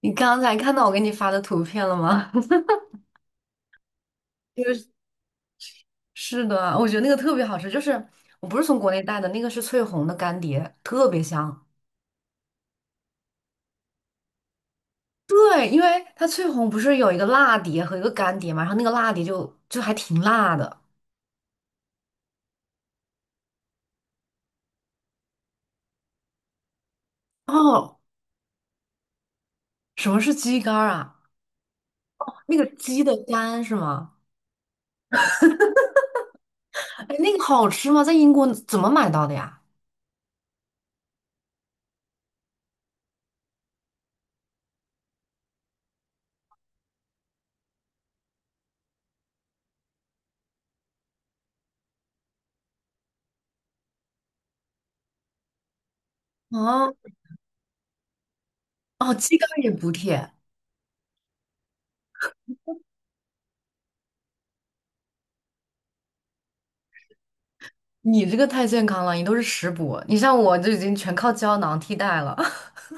你刚才看到我给你发的图片了吗？就是是的，我觉得那个特别好吃，我不是从国内带的，那个是翠红的干碟，特别香。对，因为它翠红不是有一个辣碟和一个干碟嘛，然后那个辣碟就还挺辣的。哦，什么是鸡肝儿啊？那个鸡的肝是吗？哎，那个好吃吗？在英国怎么买到的呀？啊，哦，鸡肝也补铁，你这个太健康了，你都是食补，你像我就已经全靠胶囊替代了。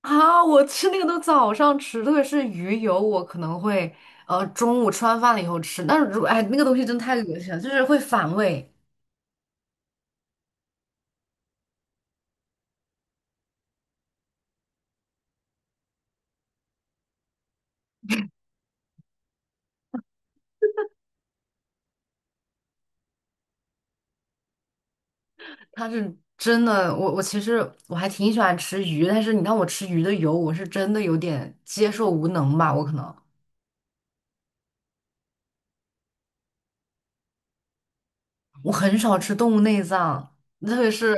啊，我吃那个都早上吃，特别是鱼油，我可能会中午吃完饭了以后吃。但是，那个东西真太恶心了，就是会反胃。它是真的，我其实我还挺喜欢吃鱼，但是你让我吃鱼的油，我是真的有点接受无能吧。我可能我很少吃动物内脏，特别是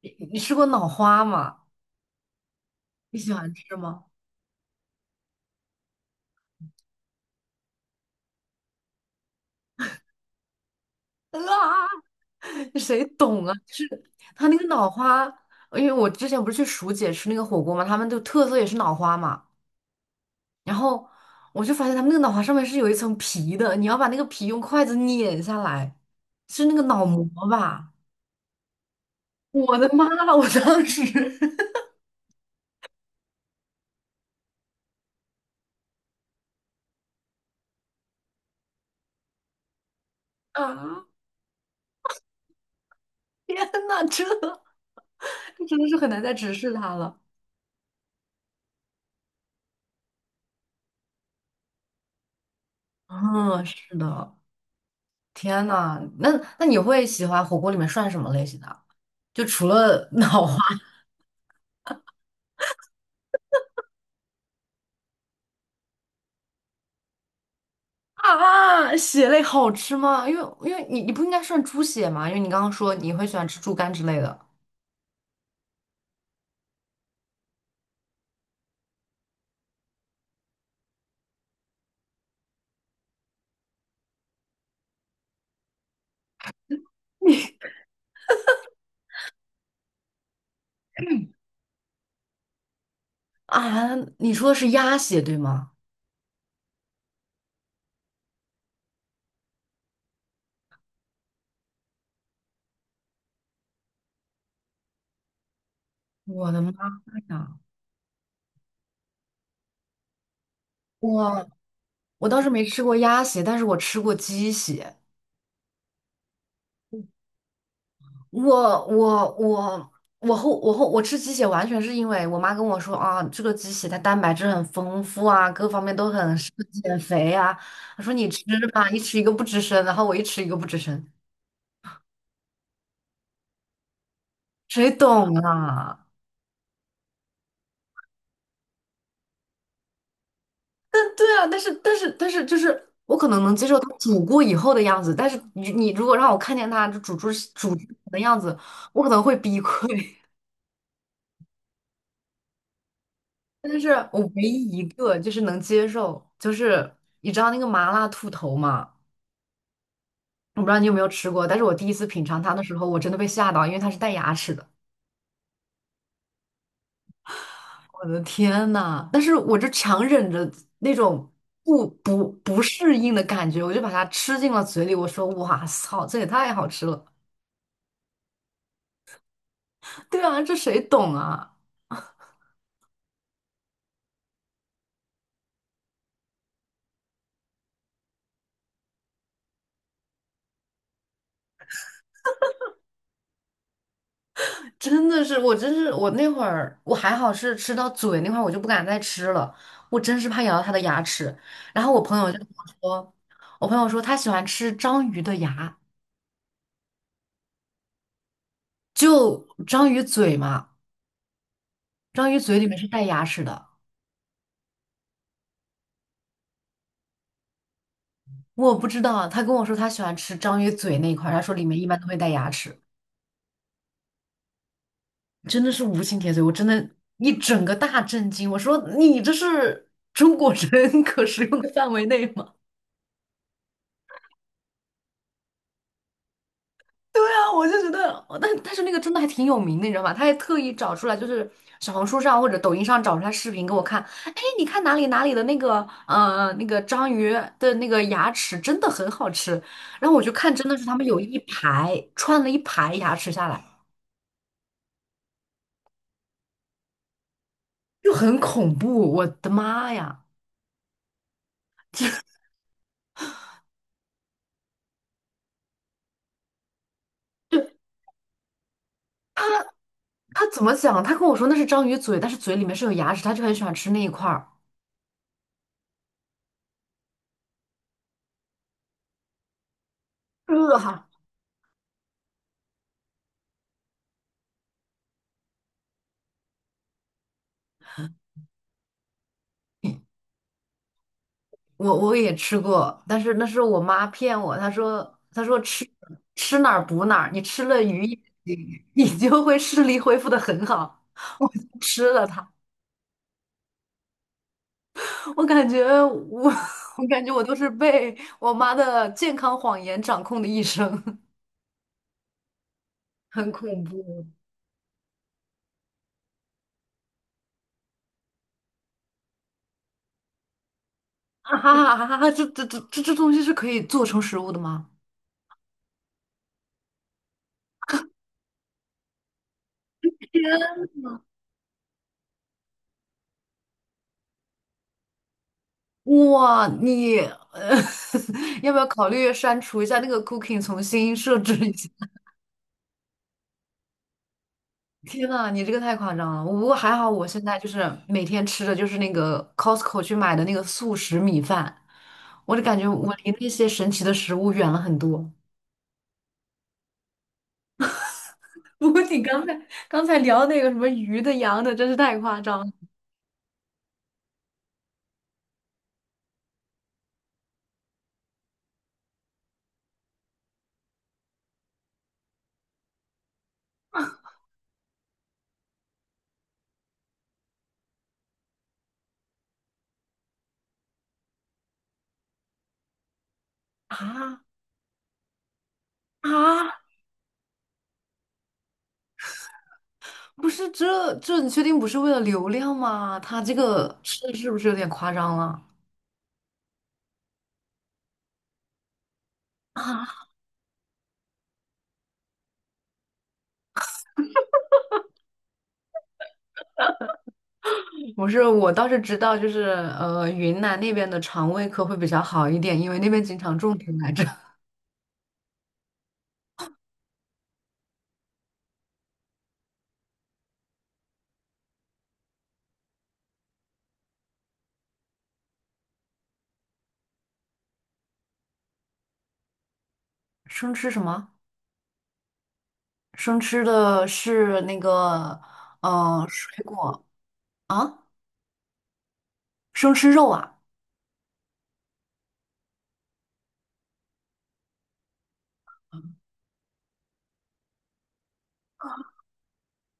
你吃过脑花吗？你喜欢吃吗？啊！谁懂啊？就是他那个脑花，因为我之前不是去蜀姐吃那个火锅嘛，他们就特色也是脑花嘛。然后我就发现他们那个脑花上面是有一层皮的，你要把那个皮用筷子碾下来，是那个脑膜吧？我的妈！我当时 啊，天呐，这真的是很难再直视它了。嗯，是的，天呐，那那你会喜欢火锅里面涮什么类型的？就除了脑花。啊，血类好吃吗？因为因为你不应该算猪血吗？因为你刚刚说你会喜欢吃猪肝之类的你啊，你说的是鸭血对吗？我的妈呀！我我倒是没吃过鸭血，但是我吃过鸡血。我我我我我吃鸡血完全是因为我妈跟我说啊，这个鸡血它蛋白质很丰富啊，各方面都很适合减肥啊。她说你吃吧，一吃一个不吱声，然后我一吃一个不吱声，谁懂啊？对啊，但是，就是我可能能接受它煮过以后的样子，但是你你如果让我看见它就煮出煮之前的样子，我可能会崩溃。但是我唯一一个就是能接受，就是你知道那个麻辣兔头嘛？我不知道你有没有吃过，但是我第一次品尝它的时候，我真的被吓到，因为它是带牙齿的。我的天呐！但是我就强忍着那种不适应的感觉，我就把它吃进了嘴里。我说："哇操，这也太好吃了！"对啊，这谁懂啊？真的是，我真是，我那会儿我还好是吃到嘴那块儿，我就不敢再吃了，我真是怕咬到他的牙齿。然后我朋友就跟我说，我朋友说他喜欢吃章鱼的牙，就章鱼嘴嘛，章鱼嘴里面是带牙齿的，我不知道。他跟我说他喜欢吃章鱼嘴那一块儿他说里面一般都会带牙齿，真的是无心铁嘴，我真的，一整个大震惊。我说你这是中国人 可食用的范围内吗？对啊，我就觉得，哦但但是那个真的还挺有名的，你知道吗？他还特意找出来，就是小红书上或者抖音上找出来视频给我看。哎，你看哪里哪里的那个那个章鱼的那个牙齿真的很好吃，然后我就看，真的是他们有一排串了一排牙齿下来，就很恐怖，我的妈呀！就他怎么讲？他跟我说那是章鱼嘴，但是嘴里面是有牙齿，他就很喜欢吃那一块儿。呃我我也吃过，但是那是我妈骗我，她说吃吃哪儿补哪儿，你吃了鱼眼睛 你就会视力恢复的很好。吃了它，我感觉我 我感觉我都是被我妈的健康谎言掌控的一生，很恐怖啊！哈哈哈这这这这这东西是可以做成食物的吗？哇，你，要不要考虑删除一下那个 cooking,重新设置一下？天呐，你这个太夸张了！我不过还好，我现在就是每天吃的就是那个 Costco 去买的那个速食米饭，我就感觉我离那些神奇的食物远了很多。不过你刚才聊那个什么鱼的、羊的，真是太夸张了啊啊！不是这这，你确定不是为了流量吗？他这个吃的是不是有点夸张了？啊，不是，我倒是知道，就是，云南那边的肠胃科会比较好一点，因为那边经常种田来着。生吃什么？生吃的是那个，水果啊，生吃肉啊！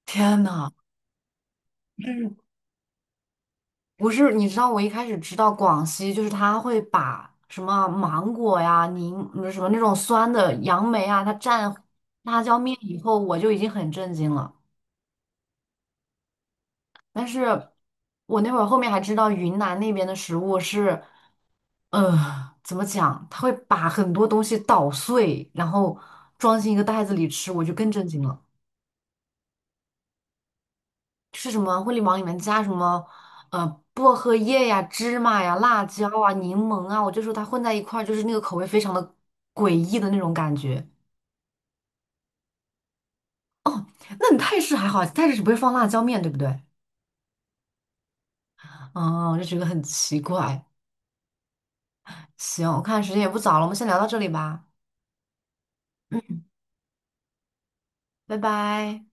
天呐，嗯不是，你知道我一开始知道广西，就是他会把什么芒果呀、什么那种酸的杨梅啊，它蘸辣椒面以后，我就已经很震惊了。但是我那会儿后面还知道云南那边的食物是，怎么讲，他会把很多东西捣碎，然后装进一个袋子里吃，我就更震惊了。是什么会里往里面加什么，呃，薄荷叶呀、芝麻呀、辣椒啊、柠檬啊，我就说它混在一块儿，就是那个口味非常的诡异的那种感觉。那你泰式还好，泰式只不会放辣椒面对不对？嗯，我就觉得很奇怪。行，我看时间也不早了，我们先聊到这里吧。嗯，拜拜。